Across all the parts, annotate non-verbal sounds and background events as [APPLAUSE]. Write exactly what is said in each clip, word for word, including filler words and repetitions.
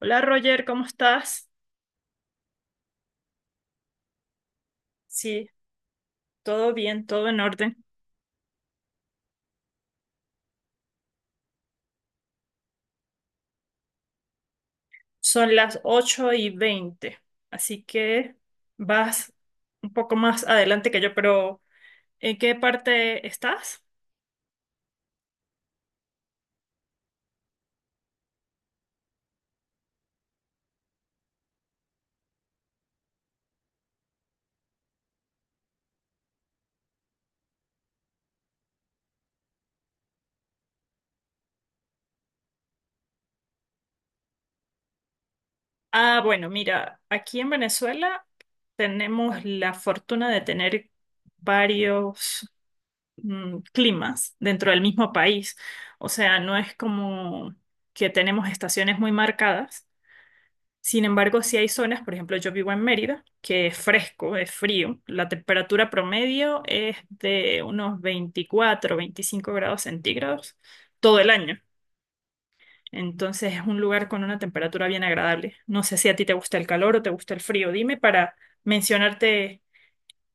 Hola Roger, ¿cómo estás? Sí, todo bien, todo en orden. Son las ocho y veinte, así que vas un poco más adelante que yo, pero ¿en qué parte estás? Ah, bueno, mira, aquí en Venezuela tenemos la fortuna de tener varios mm, climas dentro del mismo país. O sea, no es como que tenemos estaciones muy marcadas. Sin embargo, si hay zonas, por ejemplo, yo vivo en Mérida, que es fresco, es frío. La temperatura promedio es de unos veinticuatro, veinticinco grados centígrados todo el año. Entonces es un lugar con una temperatura bien agradable. No sé si a ti te gusta el calor o te gusta el frío. Dime para mencionarte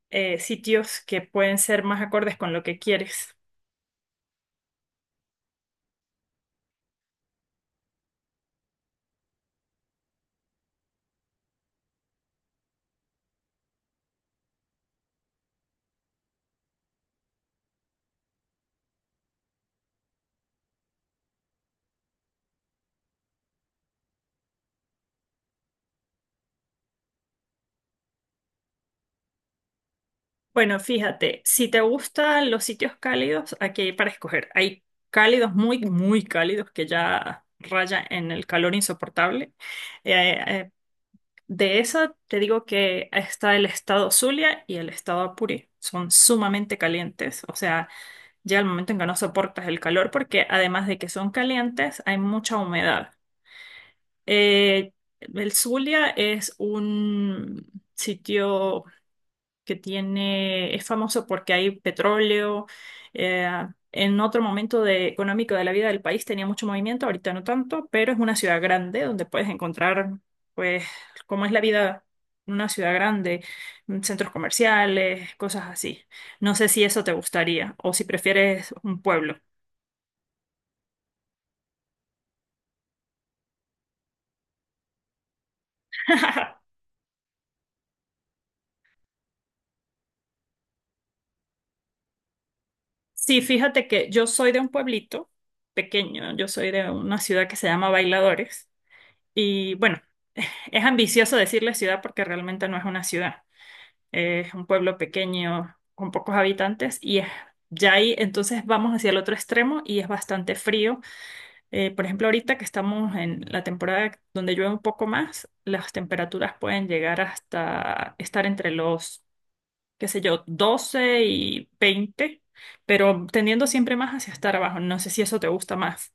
eh, sitios que pueden ser más acordes con lo que quieres. Bueno, fíjate, si te gustan los sitios cálidos, aquí hay para escoger. Hay cálidos muy, muy cálidos que ya raya en el calor insoportable. Eh, eh, de eso te digo que está el estado Zulia y el estado Apure. Son sumamente calientes. O sea, llega el momento en que no soportas el calor porque además de que son calientes, hay mucha humedad. Eh, el Zulia es un sitio que tiene, es famoso porque hay petróleo. eh, en otro momento de, económico de la vida del país tenía mucho movimiento, ahorita no tanto, pero es una ciudad grande donde puedes encontrar, pues, cómo es la vida en una ciudad grande, mm, centros comerciales, cosas así. No sé si eso te gustaría o si prefieres un pueblo. [LAUGHS] Sí, fíjate que yo soy de un pueblito pequeño, yo soy de una ciudad que se llama Bailadores y bueno, es ambicioso decirle ciudad porque realmente no es una ciudad. Es un pueblo pequeño con pocos habitantes y es ya ahí. Entonces vamos hacia el otro extremo y es bastante frío. Eh, por ejemplo, ahorita que estamos en la temporada donde llueve un poco más, las temperaturas pueden llegar hasta estar entre los, qué sé yo, doce y veinte, pero tendiendo siempre más hacia estar abajo. No sé si eso te gusta más.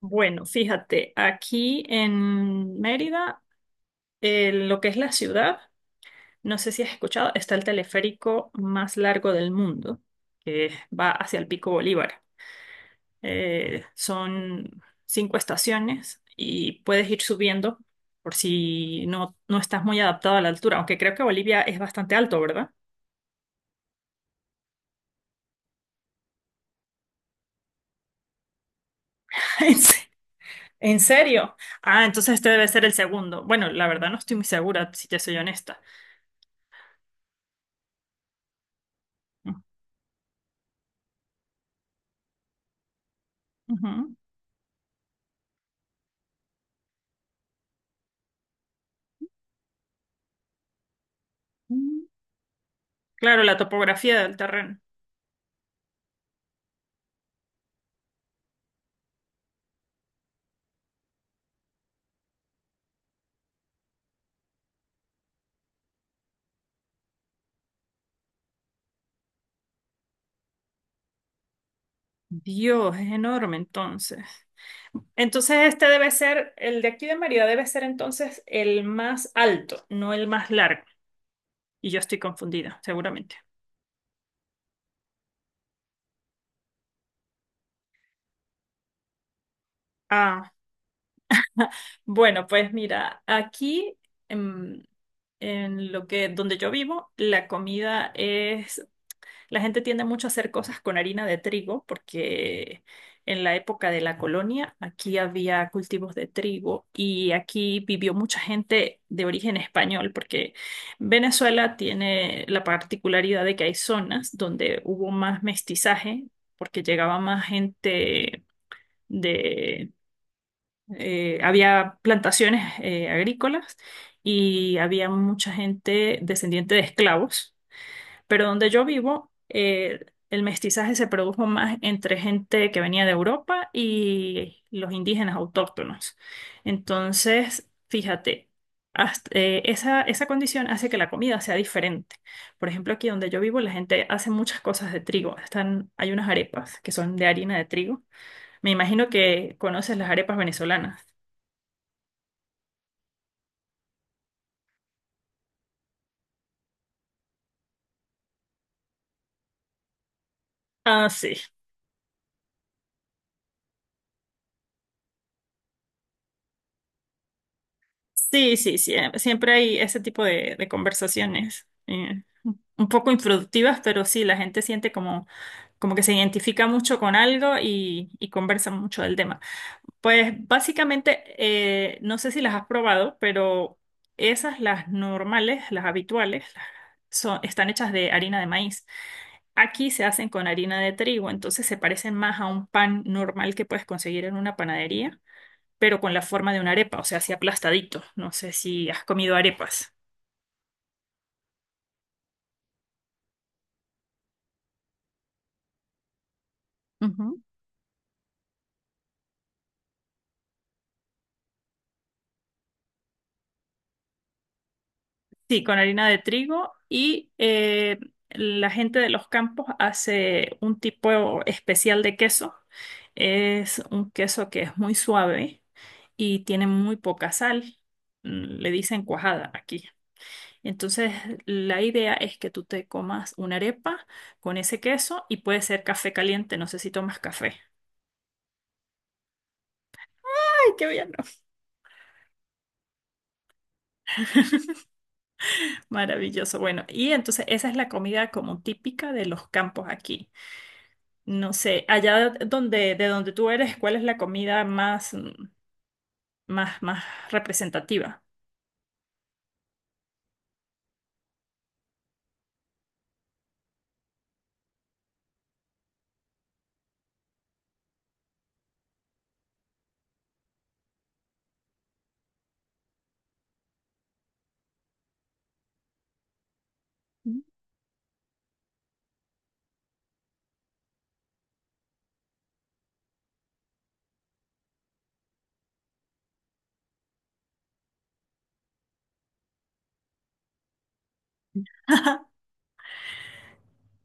Bueno, fíjate, aquí en Mérida, eh, lo que es la ciudad. No sé si has escuchado, está el teleférico más largo del mundo, que va hacia el Pico Bolívar. Eh, son cinco estaciones y puedes ir subiendo por si no, no estás muy adaptado a la altura, aunque creo que Bolivia es bastante alto, ¿verdad? [LAUGHS] ¿En se- en serio? Ah, entonces este debe ser el segundo. Bueno, la verdad no estoy muy segura, si te soy honesta. Ujú. Claro, la topografía del terreno. Dios, es enorme entonces. Entonces este debe ser, el de aquí de Mérida debe ser entonces el más alto, no el más largo. Y yo estoy confundida, seguramente. Ah, bueno, pues mira, aquí en, en lo que, donde yo vivo, la comida es... La gente tiende mucho a hacer cosas con harina de trigo porque en la época de la colonia aquí había cultivos de trigo y aquí vivió mucha gente de origen español porque Venezuela tiene la particularidad de que hay zonas donde hubo más mestizaje porque llegaba más gente de... eh, había plantaciones eh, agrícolas y había mucha gente descendiente de esclavos, pero donde yo vivo, eh, el mestizaje se produjo más entre gente que venía de Europa y los indígenas autóctonos. Entonces, fíjate, hasta- eh, esa, esa condición hace que la comida sea diferente. Por ejemplo, aquí donde yo vivo, la gente hace muchas cosas de trigo. Están, hay unas arepas que son de harina de trigo. Me imagino que conoces las arepas venezolanas. Ah, sí. Sí, sí, sí. Siempre hay ese tipo de, de conversaciones. Eh, un poco improductivas, pero sí, la gente siente como, como que se identifica mucho con algo y, y conversa mucho del tema. Pues básicamente, eh, no sé si las has probado, pero esas, las normales, las habituales, las- son, están hechas de harina de maíz. Aquí se hacen con harina de trigo, entonces se parecen más a un pan normal que puedes conseguir en una panadería, pero con la forma de una arepa, o sea, así aplastadito. No sé si has comido arepas. Sí, con harina de trigo y eh, la gente de los campos hace un tipo especial de queso. Es un queso que es muy suave y tiene muy poca sal. Mm, Le dicen cuajada aquí. Entonces, la idea es que tú te comas una arepa con ese queso y puede ser café caliente. No sé si tomas café. ¡Ay, qué bien! [LAUGHS] Maravilloso. Bueno, y entonces esa es la comida como típica de los campos aquí. No sé, allá donde, de donde tú eres, ¿cuál es la comida más, mm, más, más representativa? [LAUGHS]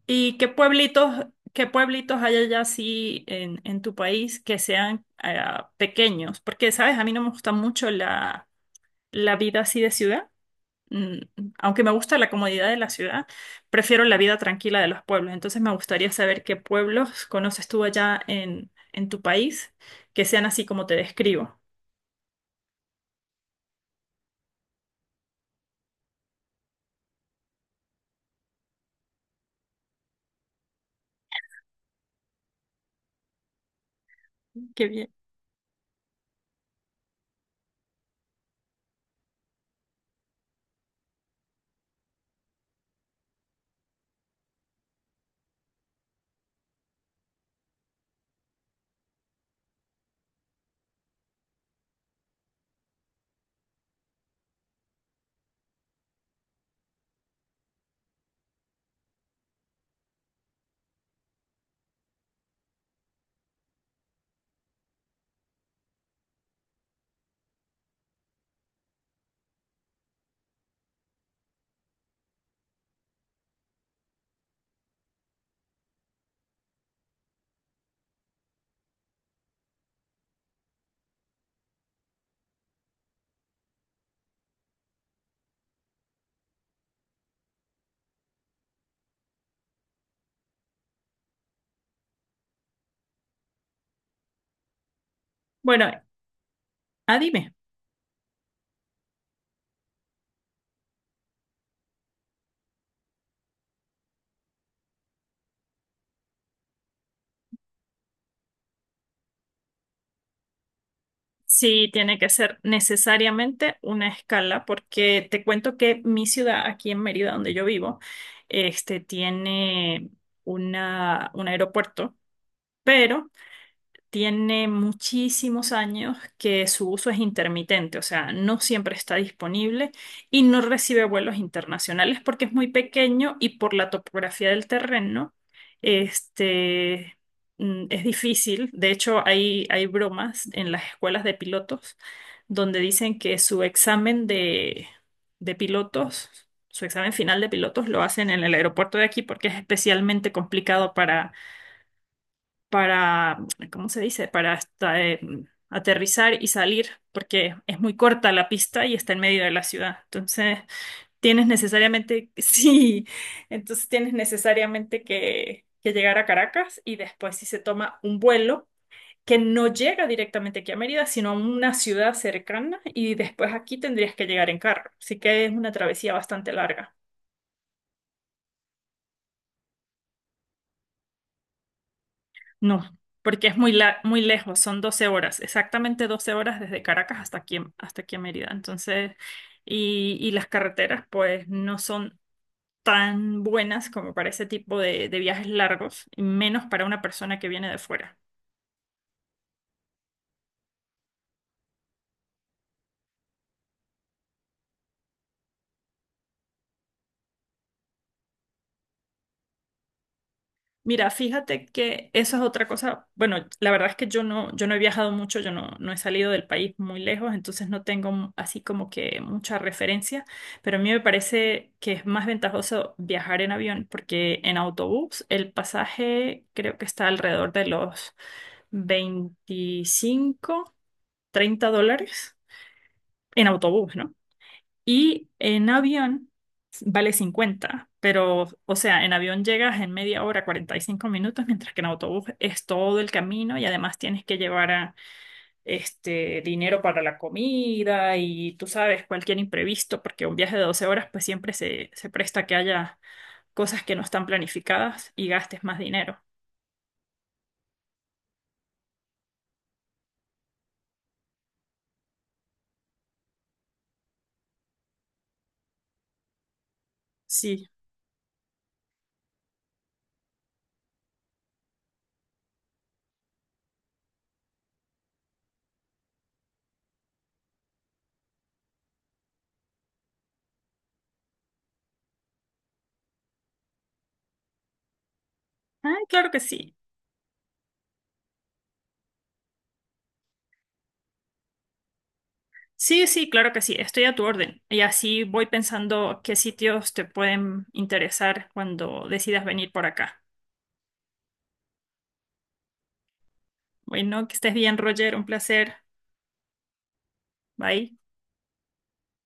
¿Y qué pueblitos, qué pueblitos hay allá así en, en tu país que sean eh, pequeños? Porque, sabes, a mí no me gusta mucho la, la vida así de ciudad. Mm, Aunque me gusta la comodidad de la ciudad, prefiero la vida tranquila de los pueblos. Entonces me gustaría saber qué pueblos conoces tú allá en, en tu país que sean así como te describo. Qué bien. Bueno, ah, dime. Sí, tiene que ser necesariamente una escala, porque te cuento que mi ciudad, aquí en Mérida, donde yo vivo, este tiene una, un aeropuerto, pero tiene muchísimos años que su uso es intermitente, o sea, no siempre está disponible y no recibe vuelos internacionales porque es muy pequeño y por la topografía del terreno, este, mm, es difícil. De hecho, hay, hay bromas en las escuelas de pilotos donde dicen que su examen de, de pilotos, su examen final de pilotos lo hacen en el aeropuerto de aquí porque es especialmente complicado para para, ¿cómo se dice? Para hasta, eh, aterrizar y salir, porque es muy corta la pista y está en medio de la ciudad. Entonces, tienes necesariamente, [LAUGHS] sí, entonces tienes necesariamente que, que llegar a Caracas y después si se toma un vuelo que no llega directamente aquí a Mérida, sino a una ciudad cercana y después aquí tendrías que llegar en carro. Así que es una travesía bastante larga. No, porque es muy, la- muy lejos, son doce horas, exactamente doce horas desde Caracas hasta aquí, hasta aquí a Mérida. Entonces, y, y las carreteras pues no son tan buenas como para ese tipo de, de viajes largos, y menos para una persona que viene de fuera. Mira, fíjate que eso es otra cosa. Bueno, la verdad es que yo no, yo no, he viajado mucho, yo no, no he salido del país muy lejos, entonces no tengo m- así como que mucha referencia, pero a mí me parece que es más ventajoso viajar en avión porque en autobús el pasaje creo que está alrededor de los veinticinco, treinta dólares en autobús, ¿no? Y en avión vale cincuenta pero, o sea, en avión llegas en media hora, cuarenta y cinco minutos, mientras que en autobús es todo el camino y además tienes que llevar a, este, dinero para la comida y tú sabes, cualquier imprevisto, porque un viaje de doce horas pues siempre se, se presta que haya cosas que no están planificadas y gastes más dinero. Sí. Ah, claro que sí. Sí, sí, claro que sí, estoy a tu orden. Y así voy pensando qué sitios te pueden interesar cuando decidas venir por acá. Bueno, que estés bien, Roger, un placer. Bye.